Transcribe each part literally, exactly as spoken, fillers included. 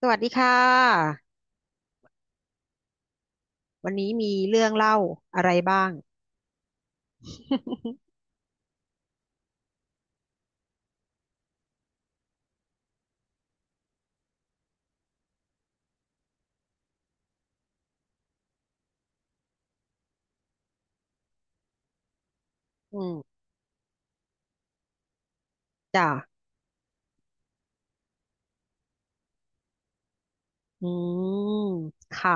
สวัสดีค่ะ วันนี้มีเรื่องเล่าอะไรบ้าง อืมจ้ะอืม ค่ะ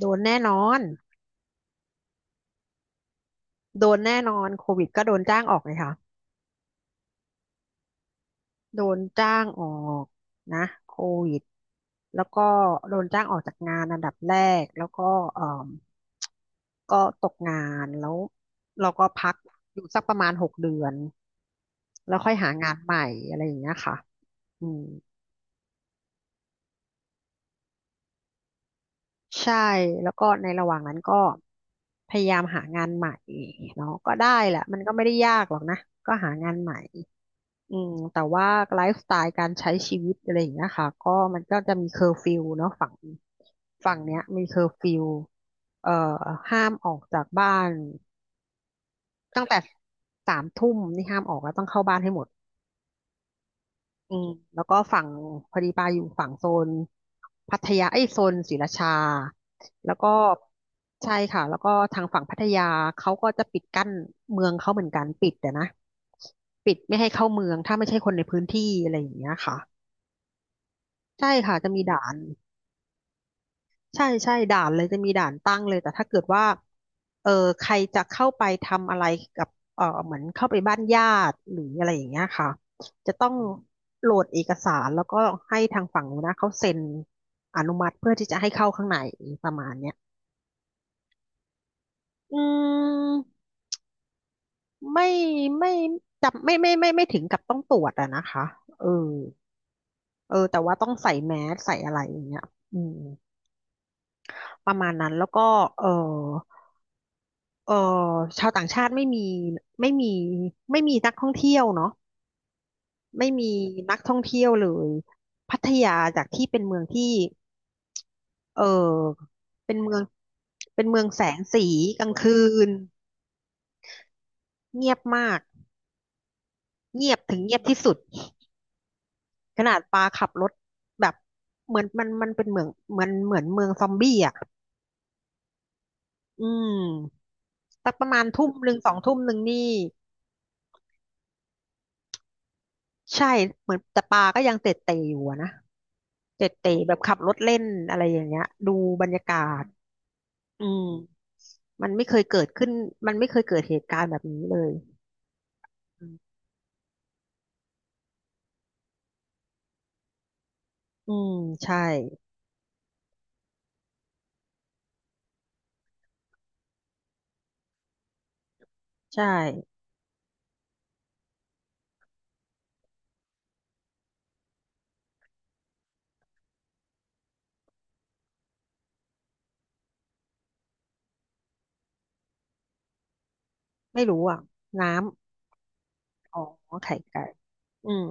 โดนแน่นอน โดนแน่นอน โควิดก็โดนจ้างออกเลยค่ะ โดนจ้างออกนะโควิดแล้วก็โดนจ้างออกจากงานอันดับแรกแล้วก็เอ่มก็ตกงานแล้วเราก็พักอยู่สักประมาณหกเดือนแล้วค่อยหางานใหม่อะไรอย่างเงี้ยค่ะอืมใช่แล้วก็ในระหว่างนั้นก็พยายามหางานใหม่เนาะก็ได้แหละมันก็ไม่ได้ยากหรอกนะก็หางานใหม่ อืมแต่ว่าไลฟ์สไตล์การใช้ชีวิตอะไรอย่างเงี้ยค่ะก็มันก็จะมีเคอร์ฟิวเนาะฝั่งฝั่งเนี้ยมีเคอร์ฟิวเอ่อห้ามออกจากบ้านตั้งแต่สามทุ่มนี่ห้ามออกแล้วต้องเข้าบ้านให้หมดอืมแล้วก็ฝั่งพอดีปาอยู่ฝั่งโซนพัทยาไอ้ยโซนศรีราชาแล้วก็ใช่ค่ะแล้วก็ทางฝั่งพัทยาเขาก็จะปิดกั้นเมืองเขาเหมือนกันปิดแต่นะปิดไม่ให้เข้าเมืองถ้าไม่ใช่คนในพื้นที่อะไรอย่างเงี้ยค่ะ ใช่ค่ะจะมีด่านใช่ใช่ด่านเลยจะมีด่านตั้งเลยแต่ถ้าเกิดว่าเออใครจะเข้าไปทำอะไรกับเออเหมือนเข้าไปบ้านญาติหรืออะไรอย่างเงี้ยค่ะจะต้องโหลดเอกสารแล้วก็ให้ทางฝั่งนู้นนะเขาเซ็นอนุมัติเพื่อที่จะให้เข้าข้างในประมาณเนี้ยอืมไม่ไม่จำไม่ไม่ไม่ไม่ถึงกับต้องตรวจอะนะคะเออเออแต่ว่าต้องใส่แมสใส่อะไรอย่างเงี้ยอืมประมาณนั้นแล้วก็เออ เอ่อชาวต่างชาติไม่มีไม่มีไม่มีนักท่องเที่ยวเนาะไม่มีนักท่องเที่ยวเลยพัทยาจากที่เป็นเมืองที่เออเป็นเมืองเป็นเมืองแสงสีกลางคืนเงียบมากเงียบถึงเงียบที่สุดขนาดปาขับรถแบบเหมือนมันมันเป็นเมืองเหมือนเหมือนเมืองซอมบี้อ่ะอืมสักประมาณทุ่มหนึ่งสองทุ่มหนึ่งนี่ใช่เหมือนแต่ปาก็ยังเตะเตะอยู่อะนะ เจ็ดเต๋แบบขับรถเล่นอะไรอย่างเงี้ยดูบรรยากาศอืมมันไม่เคยเกิดขึ้นมันไม่เคยเกิดเหตุการณ์แบบนี้เลยอืมอืมใช่ใช่ไม่รู้อ่ะน้ำอ๋อไข่ไก่อืม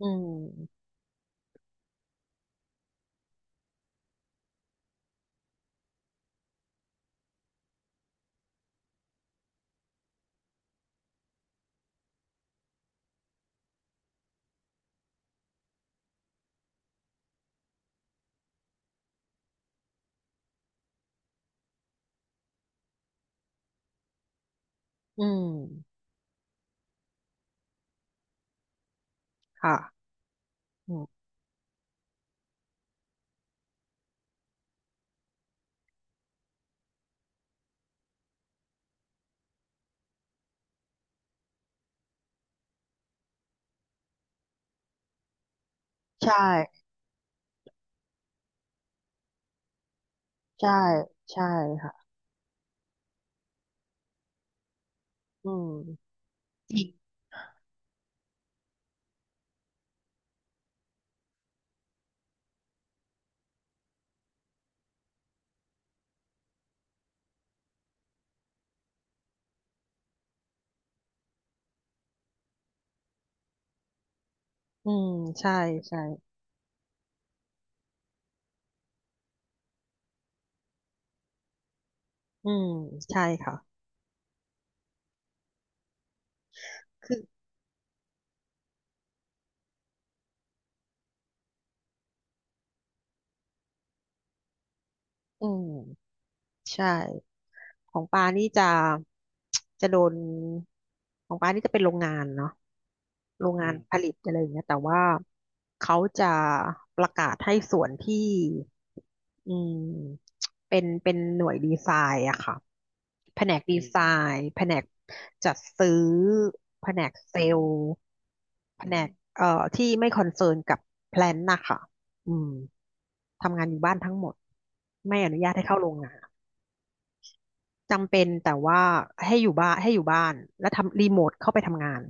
อืมอืมค่ะอืมใช่ใช่ใช่ค่ะอืมจริงอืมใช่ใช่อืมใช่ค่ะคืออืมใช่ ของปานี่จะ จะโดนของปานี่จะเป็นโรงงานเนาะโรงอืงานมผลิตอะไรอย่างเงี้ยแต่ว่าเขาจะประกาศให้ส่วนที่อืมเป็นเป็นหน่วยดีไซน์อะค่ะแผนกดีอืมไซน์แผนกจัดซื้อแผนกเซลล์แผนกเอ่อที่ไม่คอนเซิร์นกับแพลนนะคะอืมทำงานอยู่บ้านทั้งหมดไม่อนุญาตให้เข้าโรงงาน จำเป็นแต่ว่าให้อยู่บ้านให้อยู่บ้านแล้วทำรีโมทเข้าไปทำงาน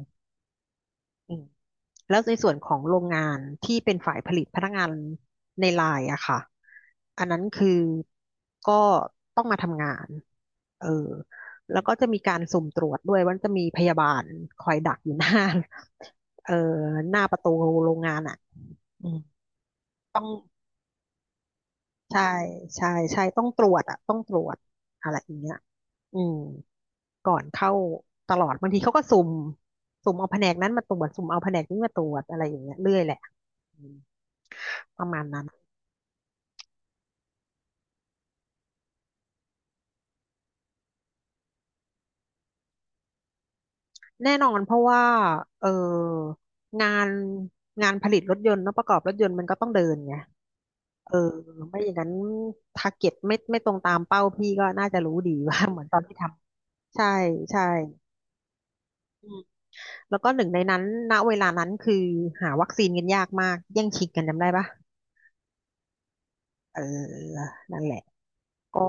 อืมแล้วในส่วนของโรงงานที่เป็นฝ่ายผลิตพนักงานในไลน์อะค่ะอันนั้นคือก็ต้องมาทำงานเออแล้วก็จะมีการสุ่มตรวจด้วยว่าจะมีพยาบาลคอยดักอยู่หน้า เออหน้าประตูโรงงานอะอืม ใช่ใช่ใช่ต้องตรวจอะต้องตรวจอะไรอย่างเงี้ยอืมก่อนเข้าตลอดบางทีเขาก็สุ่มสุ่มเอาแผนกนั้นมาตรวจสุ่มเอาแผนกนี้มาตรวจอะไรอย่างเงี้ยเรื่อยแหละอืมประมาณนั้นแน่นอนเพราะว่าเอองานงานผลิตรถยนต์เนอะประกอบรถยนต์มันก็ต้องเดินไงเออไม่อย่างนั้นทาร์เก็ตไม่ไม่ตรงตามเป้าพี่ก็น่าจะรู้ดีว่า เหมือนตอนที่ทำใช่ใช่ แล้วก็หนึ่งในนั้นณเวลานั้นคือหาวัคซีนกันยากมากแย่งชิงกันจำได้ปะ เออนั่นแหละก็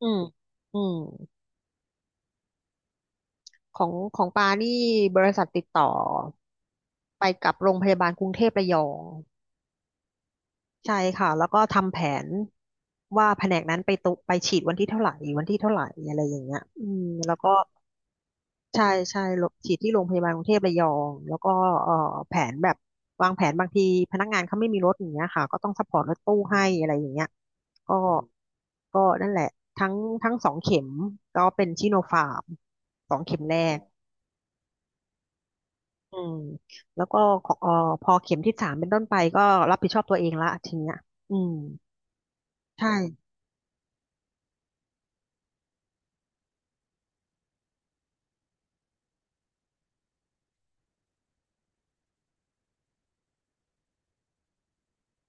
อืม อืม ของของปานี่บริษัทติดต่อไปกับโรงพยาบาลกรุงเทพระยอง ใช่ค่ะ แล้วก็ทำแผนว่าแผนกนั้นไปตุไปฉีดวันที่เท่าไหร่ วันที่เท่าไหร่ อะไรอย่างเงี้ยอืมแล้วก็ ใช่ใช่โรฉีดที่โรงพยาบาลกรุงเทพระยองแล้วก็เอ่อแผนแบบวางแผนบางทีพนักงานเขาไม่มีรถอย่างเงี้ยค่ะก็ต้องซัพพอร์ตรถตู้ให้อะไรอย่างเงี้ยก็ก็นั่นแหละทั้งทั้งสองเข็มก็เป็นชิโนฟาร์มสองเข็มแรกอืมแล้วก็ขอเอ่อพอเข็มที่สามเป็นต้นไปก็รับผิดชอบตัวเองละทีเนี้ยอืมใช่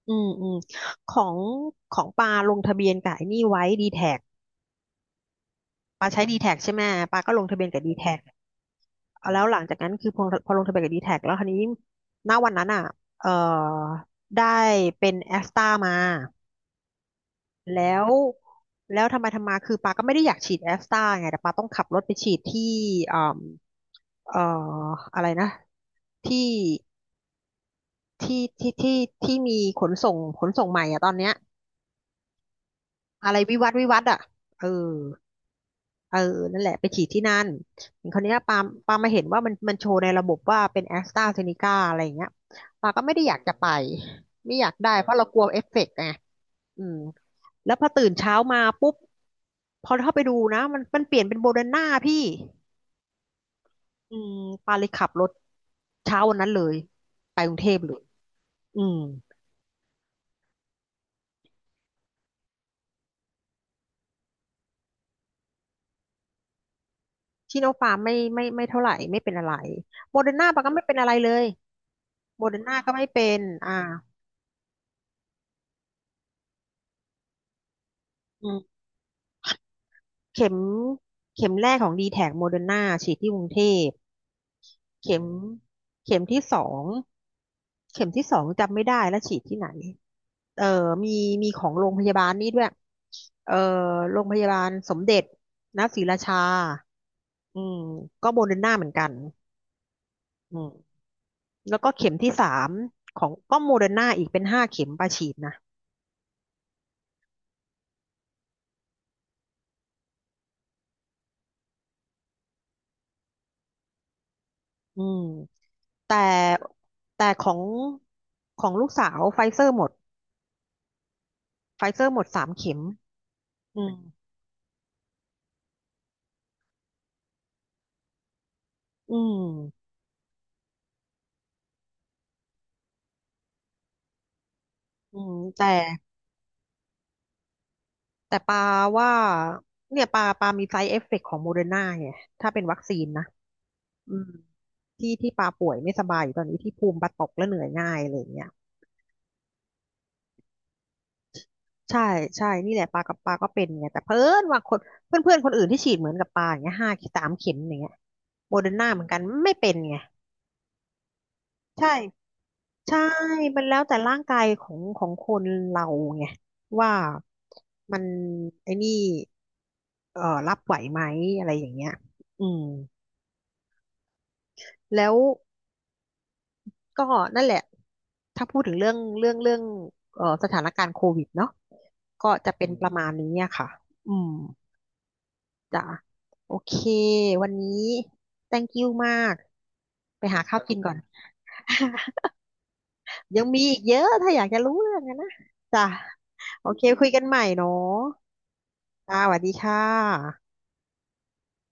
อืมอืมของของปาลงทะเบียนกับไอ้นี่ไว้ดีแท็กปาใช้ดีแท็กใช่ไหมปาก็ลงทะเบียนกับดีแท็ก แล้วหลังจากนั้นคือพอพอลงทะเบียนกับ ดี ที แทกแล้วคราวนี้ณวันนั้นอ่ะเอ่อได้เป็นแอสตามาแล้วแล้วทำไมทำมาคือปาก็ไม่ได้อยากฉีดแอสตาไงแต่ปาต้องขับรถไปฉีดที่เอ่มเอ่ออะไรนะที่ที่ที่ที่ที่มีขนส่งขนส่งใหม่อ่ะตอนเนี้ยอะไรวิวัฒน์วิวัฒน์อ่ะเออ เออนั่นแหละไปฉีดที่นั่นคราวเนี้ยปาปามาเห็นว่ามันมันโชว์ในระบบว่าเป็นแอสตราเซเนกาอะไรอย่างเงี้ยปาก็ไม่ได้อยากจะไปไม่อยากได้เพราะเรากลัวเอฟเฟกต์ไงอืมแล้วพอตื่นเช้ามาปุ๊บพอเข้าไปดูนะมันมันเปลี่ยนเป็นโมเดอร์นาพี่อืมปาเลยขับรถเช้าวันนั้นเลยไปกรุงเทพเลยอืมชิโนฟาร์มไม่ไม่ไม่เท่าไหร่ไม่เป็นอะไรโมเดอร์นาปาก็ไม่เป็นอะไรเลยโมเดอร์นาก็ไม่เป็นอ่าอืม เข็มเข็มแรกของดีแท็กโมเดอร์นาฉีดที่กรุงเทพเข็มเข็มที่สองเข็มที่สองจำไม่ได้แล้วฉีดที่ไหนเออมีมีของโรงพยาบาลนี่ด้วยเออโรงพยาบาลสมเด็จนศรีราชาอืมก็โมเดอร์นาเหมือนกันอืมแล้วก็เข็มที่สามของก็โมเดอร์นาอีกเป็นห้าเข็มประฉีดนะอืมแต่แต่ของของลูกสาวไฟเซอร์หมดไฟเซอร์หมดสามเข็มอืม อืมอืมแต่แต่ปาว่าเนี่ยปาปามีไซด์เอฟเฟกของโมเดอร์นาไงถ้าเป็นวัคซีนนะอืมที่ที่ปาป่วยไม่สบายอยู่ตอนนี้ที่ภูมิปาตกแล้วเหนื่อยง่ายอะไรอย่างเงี้ยใช่ใช่นี่แหละปากับปาก็เป็นไงแต่เพื่อนว่าคนเพื่อนเพื่อนคนอื่นที่ฉีดเหมือนกับปาอย่างเงี้ยห้าสามเข็มอย่างเงี้ยโมเดอร์นาเหมือนกันไม่เป็นไงใช่ ใช่ มันแล้วแต่ร่างกายของของคนเราไงว่ามันไอ้นี่เอ่อรับไหวไหมอะไรอย่างเงี้ยอืมแล้วก็นั่นแหละถ้าพูดถึงเรื่องเรื่องเรื่องเอ่อสถานการณ์โควิดเนาะก็จะเป็นประมมาณนี้อะค่ะอืมจ้ะโอเควันนี้ แธงก์ยู มากไปหาข้าวกินก่อน ยังมีอีกเยอะ ถ้าอยากจะรู้เรื่องอะนะจ้ะ โอเคคุยกันใหม่เนาะจ้าสวัสดีค่ะ